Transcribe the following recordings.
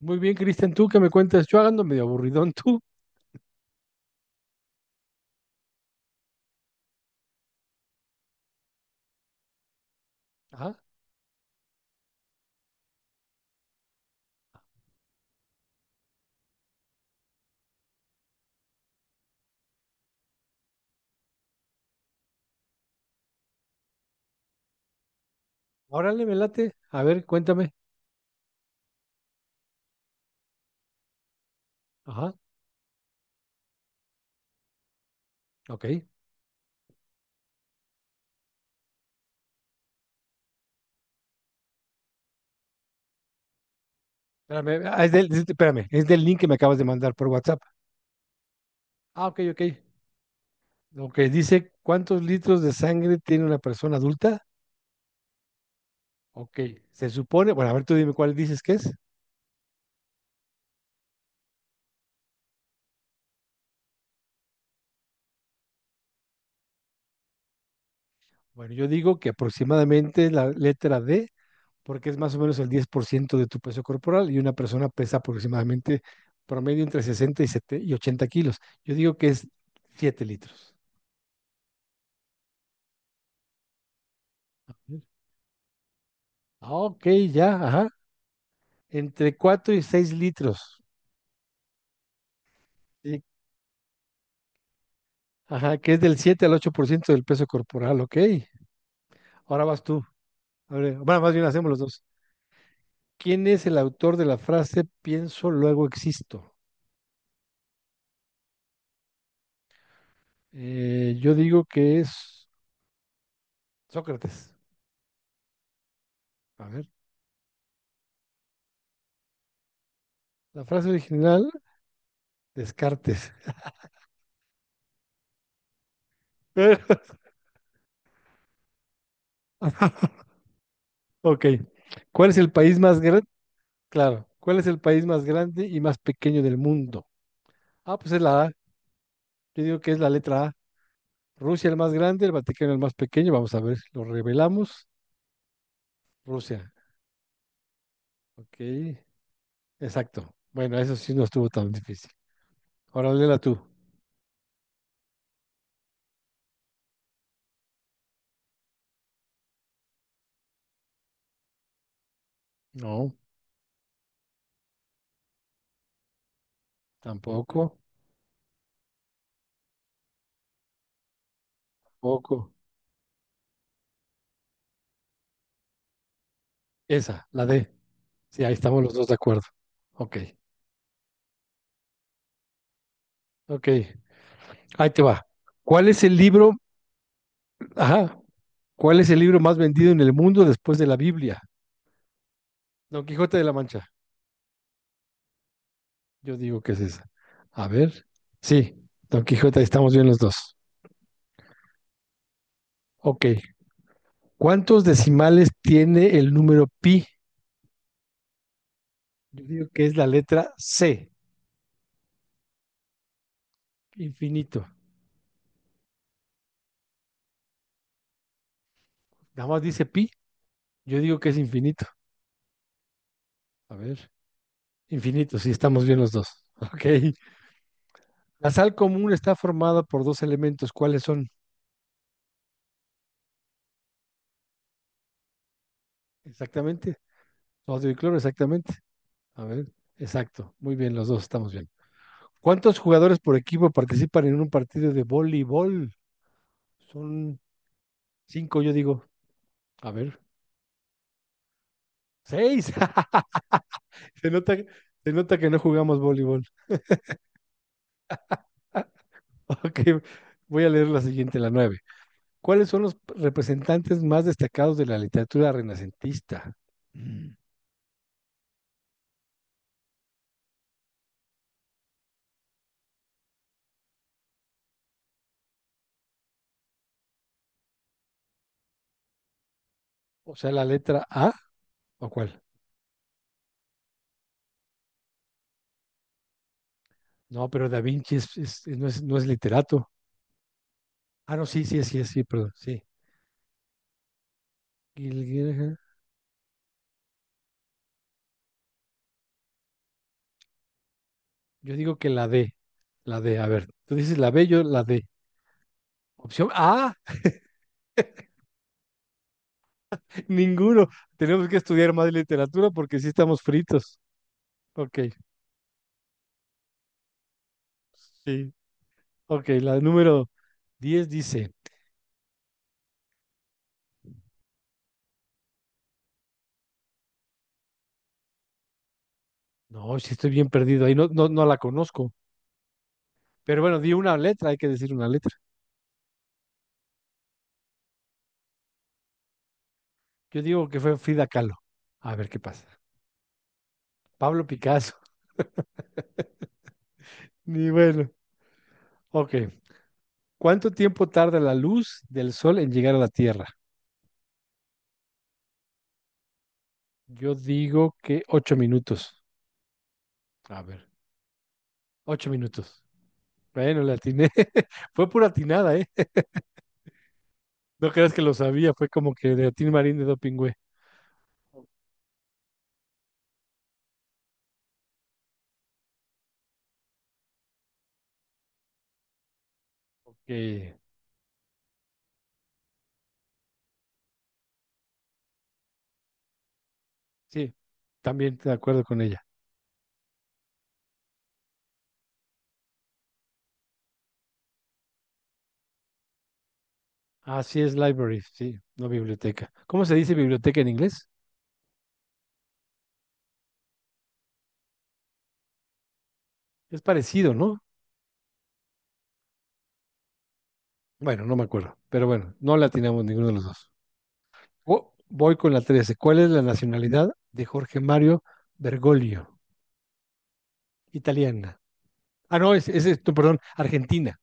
Muy bien, Cristian, ¿tú qué me cuentas? Yo ando medio aburridón, tú. Ajá. Órale, me late. A ver, cuéntame. Ajá. Ok. Espérame, espérame, es del link que me acabas de mandar por WhatsApp. Ah, ok, ok. Ok, dice, ¿cuántos litros de sangre tiene una persona adulta? Ok, se supone, bueno, a ver, tú dime cuál dices que es. Bueno, yo digo que aproximadamente la letra D, porque es más o menos el 10% de tu peso corporal y una persona pesa aproximadamente promedio entre 60 y 70 y 80 kilos. Yo digo que es 7 litros. Ah, ok, ya, ajá. Entre 4 y 6 litros. Sí. Ajá, que es del 7 al 8 por ciento del peso corporal, ok. Ahora vas tú. A ver, bueno, más bien hacemos los dos. ¿Quién es el autor de la frase pienso, luego existo? Yo digo que es Sócrates. A ver, la frase original, Descartes. Ok. ¿Cuál es el país más grande? Claro. ¿Cuál es el país más grande y más pequeño del mundo? Ah, pues es la A. Yo digo que es la letra A. Rusia el más grande, el Vaticano el más pequeño. Vamos a ver, lo revelamos. Rusia. Ok, exacto. Bueno, eso sí no estuvo tan difícil. Ahora léela tú. No, tampoco. Tampoco. Esa, la D. Sí, ahí estamos los dos de acuerdo. Ok, ok. Ahí te va. ¿Cuál es el libro? Ajá. ¿Cuál es el libro más vendido en el mundo después de la Biblia? Don Quijote de la Mancha. Yo digo que es esa. A ver. Sí, Don Quijote, ahí estamos bien los dos. Ok, ¿cuántos decimales tiene el número pi? Yo digo que es la letra C, infinito. Nada más dice pi, yo digo que es infinito. A ver, infinito, sí, estamos bien los dos. Ok. La sal común está formada por dos elementos. ¿Cuáles son? Exactamente. Sodio y cloro, exactamente. A ver, exacto. Muy bien, los dos estamos bien. ¿Cuántos jugadores por equipo participan en un partido de voleibol? Son cinco, yo digo. A ver, seis. Se nota, se nota que no jugamos voleibol. Ok, voy a leer la siguiente, la nueve. ¿Cuáles son los representantes más destacados de la literatura renacentista? Mm, O sea, la letra A, ¿o cuál? No, pero Da Vinci no es, no es literato. Ah, no, sí, sí, sí, sí, perdón, sí. Gil- Gil- Yo digo que la D, a ver, tú dices la B, yo la D. Opción A, ninguno. Tenemos que estudiar más literatura porque sí estamos fritos. Ok, sí. Ok, la número 10 dice... No, sí estoy bien perdido ahí, no, no, no la conozco. Pero bueno, di una letra, hay que decir una letra. Yo digo que fue Frida Kahlo. A ver qué pasa. Pablo Picasso. Ni bueno. Ok. ¿Cuánto tiempo tarda la luz del sol en llegar a la Tierra? Yo digo que 8 minutos. A ver, 8 minutos. Bueno, le atiné. Fue pura atinada, ¿eh? No creas que lo sabía, fue como que de Atín Marín de Dopingüe. Ok. Sí, también de acuerdo con ella. Así es, library, sí, no biblioteca. ¿Cómo se dice biblioteca en inglés? Es parecido, ¿no? Bueno, no me acuerdo, pero bueno, no la atinamos ninguno de los dos. Voy con la 13. ¿Cuál es la nacionalidad de Jorge Mario Bergoglio? Italiana. Ah, no, no, perdón, Argentina,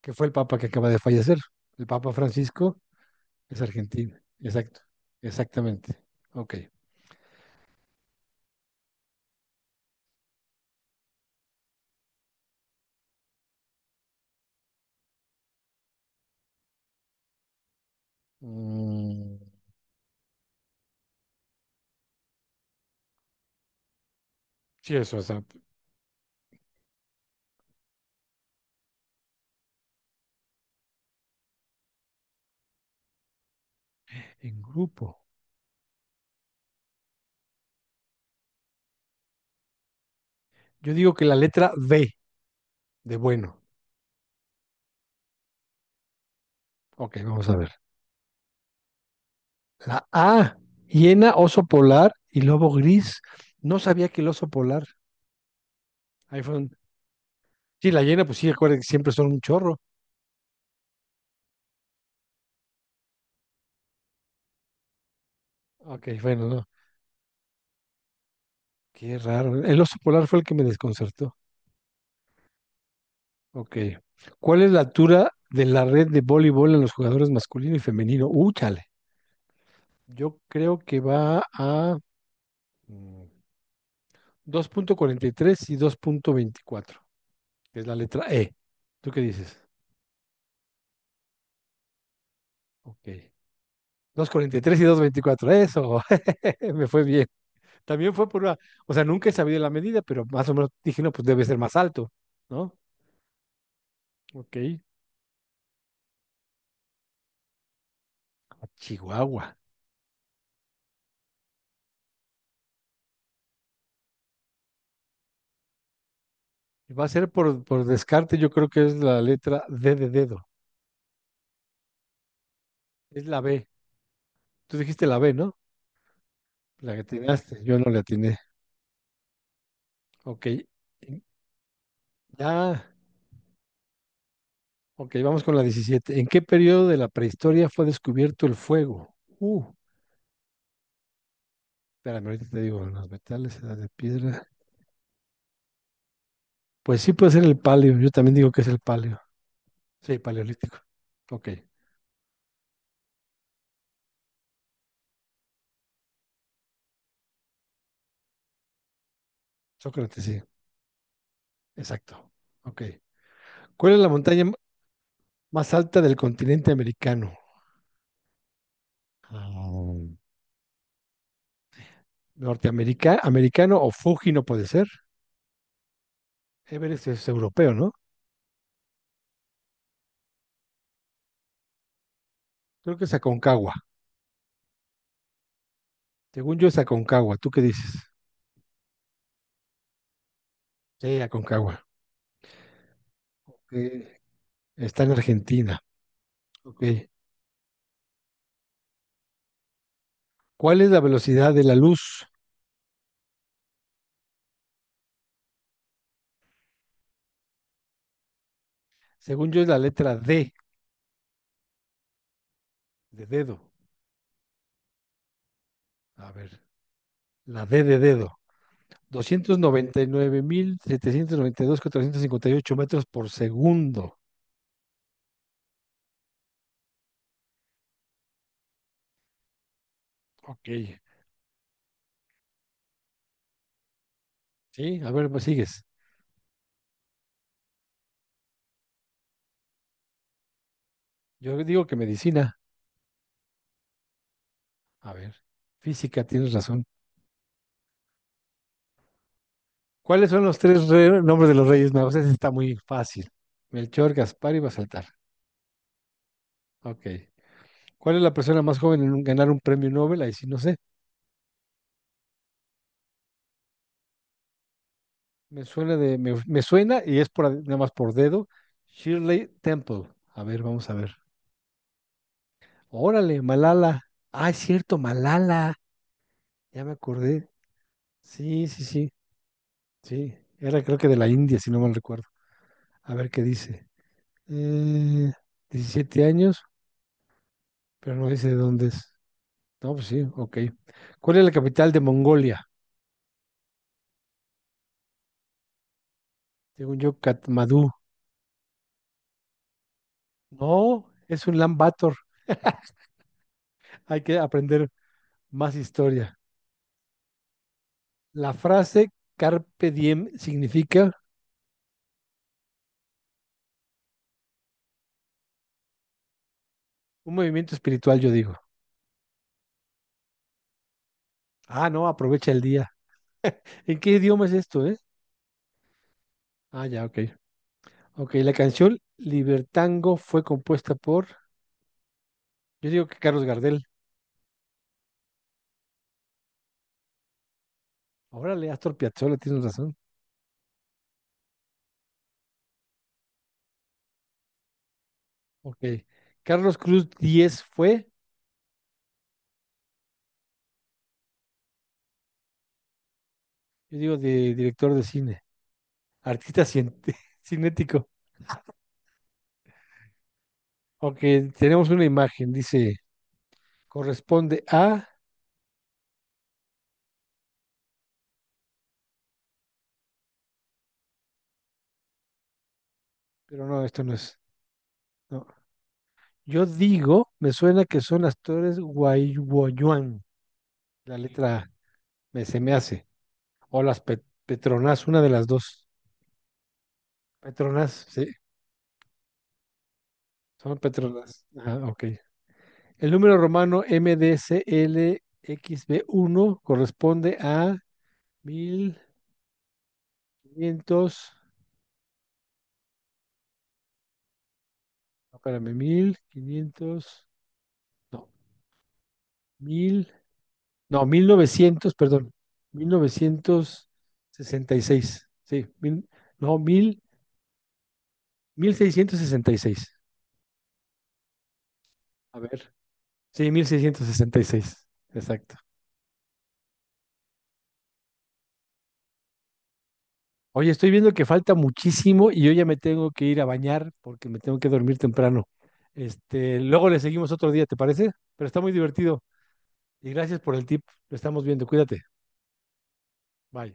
que fue el papa que acaba de fallecer. El papa Francisco es argentino. Exacto, exactamente. Ok. Mm, sí, eso, o sea, en grupo. Yo digo que la letra B de bueno. Ok, vamos a ver. La A, hiena, oso polar y lobo gris. No sabía que el oso polar. Ahí fue un- Sí, la hiena, pues sí, acuérdense que siempre son un chorro. Ok, bueno, no. Qué raro. El oso polar fue el que me desconcertó. Ok. ¿Cuál es la altura de la red de voleibol en los jugadores masculino y femenino? Chale. Yo creo que va a mm, dos punto cuarenta y 2,24, que es la letra E. ¿Tú qué dices? Ok. 2,43 y 2,24. Eso. Me fue bien. También fue por una, o sea, nunca he sabido la medida, pero más o menos dije, no, pues debe ser más alto, ¿no? Ok, a Chihuahua. Y va a ser por descarte, yo creo que es la letra D de dedo, es la B. Tú dijiste la B, ¿no? La que atinaste, yo no la atiné. Ok, en- ya, ok, vamos con la 17. ¿En qué periodo de la prehistoria fue descubierto el fuego? Espérame, ahorita te digo, los metales, edad de piedra. Pues sí puede ser el paleo, yo también digo que es el paleo. Sí, paleolítico. Ok, Sócrates, sí. Exacto. Ok. ¿Cuál es la montaña más alta del continente americano? Ah, Norteamerica, americano o Fuji no puede ser. Everest es europeo, ¿no? Creo que es Aconcagua. Según yo es Aconcagua. ¿Tú qué dices? Sí, Aconcagua. Ok. Está en Argentina. Ok. ¿Cuál es la velocidad de la luz? Según yo es la letra D de dedo. A ver, la D de dedo. Doscientos noventa y nueve mil setecientos noventa y dos mil cuatrocientos cincuenta y ocho metros por segundo. Ok. Sí, a ver, pues sigues. Yo digo que medicina. A ver, física, tienes razón. ¿Cuáles son los tres nombres de los Reyes Magos? Ese está muy fácil. Melchor, Gaspar y Baltasar. Ok. ¿Cuál es la persona más joven en ganar un premio Nobel? Ahí sí, no sé. Me suena de, me suena y es por, nada más por dedo. Shirley Temple. A ver, vamos a ver. Órale, Malala. Ah, es cierto, Malala. Ya me acordé. Sí, sí, sí. Sí. Era creo que de la India, si no mal recuerdo. A ver qué dice. Eh, 17 años, pero no dice de dónde es. No, pues sí, ok. ¿Cuál es la capital de Mongolia? Según yo, Katmandú. No, es un Lambator. Hay que aprender más historia. La frase Carpe Diem significa un movimiento espiritual, yo digo. Ah, no, aprovecha el día. ¿En qué idioma es esto, eh? Ah, ya, ok. Ok, la canción Libertango fue compuesta por, yo digo que Carlos Gardel. Órale, Astor Piazzolla, tienes razón. Ok. Carlos Cruz Díez fue. Yo digo de director de cine, artista cinético. Aunque tenemos una imagen, dice, corresponde a, pero no, esto no es. No. Yo digo, me suena que son actores guayuan, la letra A, me, se me hace. O las Petronas, una de las dos. Petronas, sí, son Petronas. Ajá, ok. El número romano M D C L X mdclxb uno corresponde a 1500. No, espérame, 1500. No, mil, no, 1900, perdón, 1966. Sí, mil, no, mil, 1666. A ver, sí, 1666. Exacto. Oye, estoy viendo que falta muchísimo y yo ya me tengo que ir a bañar porque me tengo que dormir temprano. Este, luego le seguimos otro día, ¿te parece? Pero está muy divertido. Y gracias por el tip. Lo estamos viendo. Cuídate. Bye.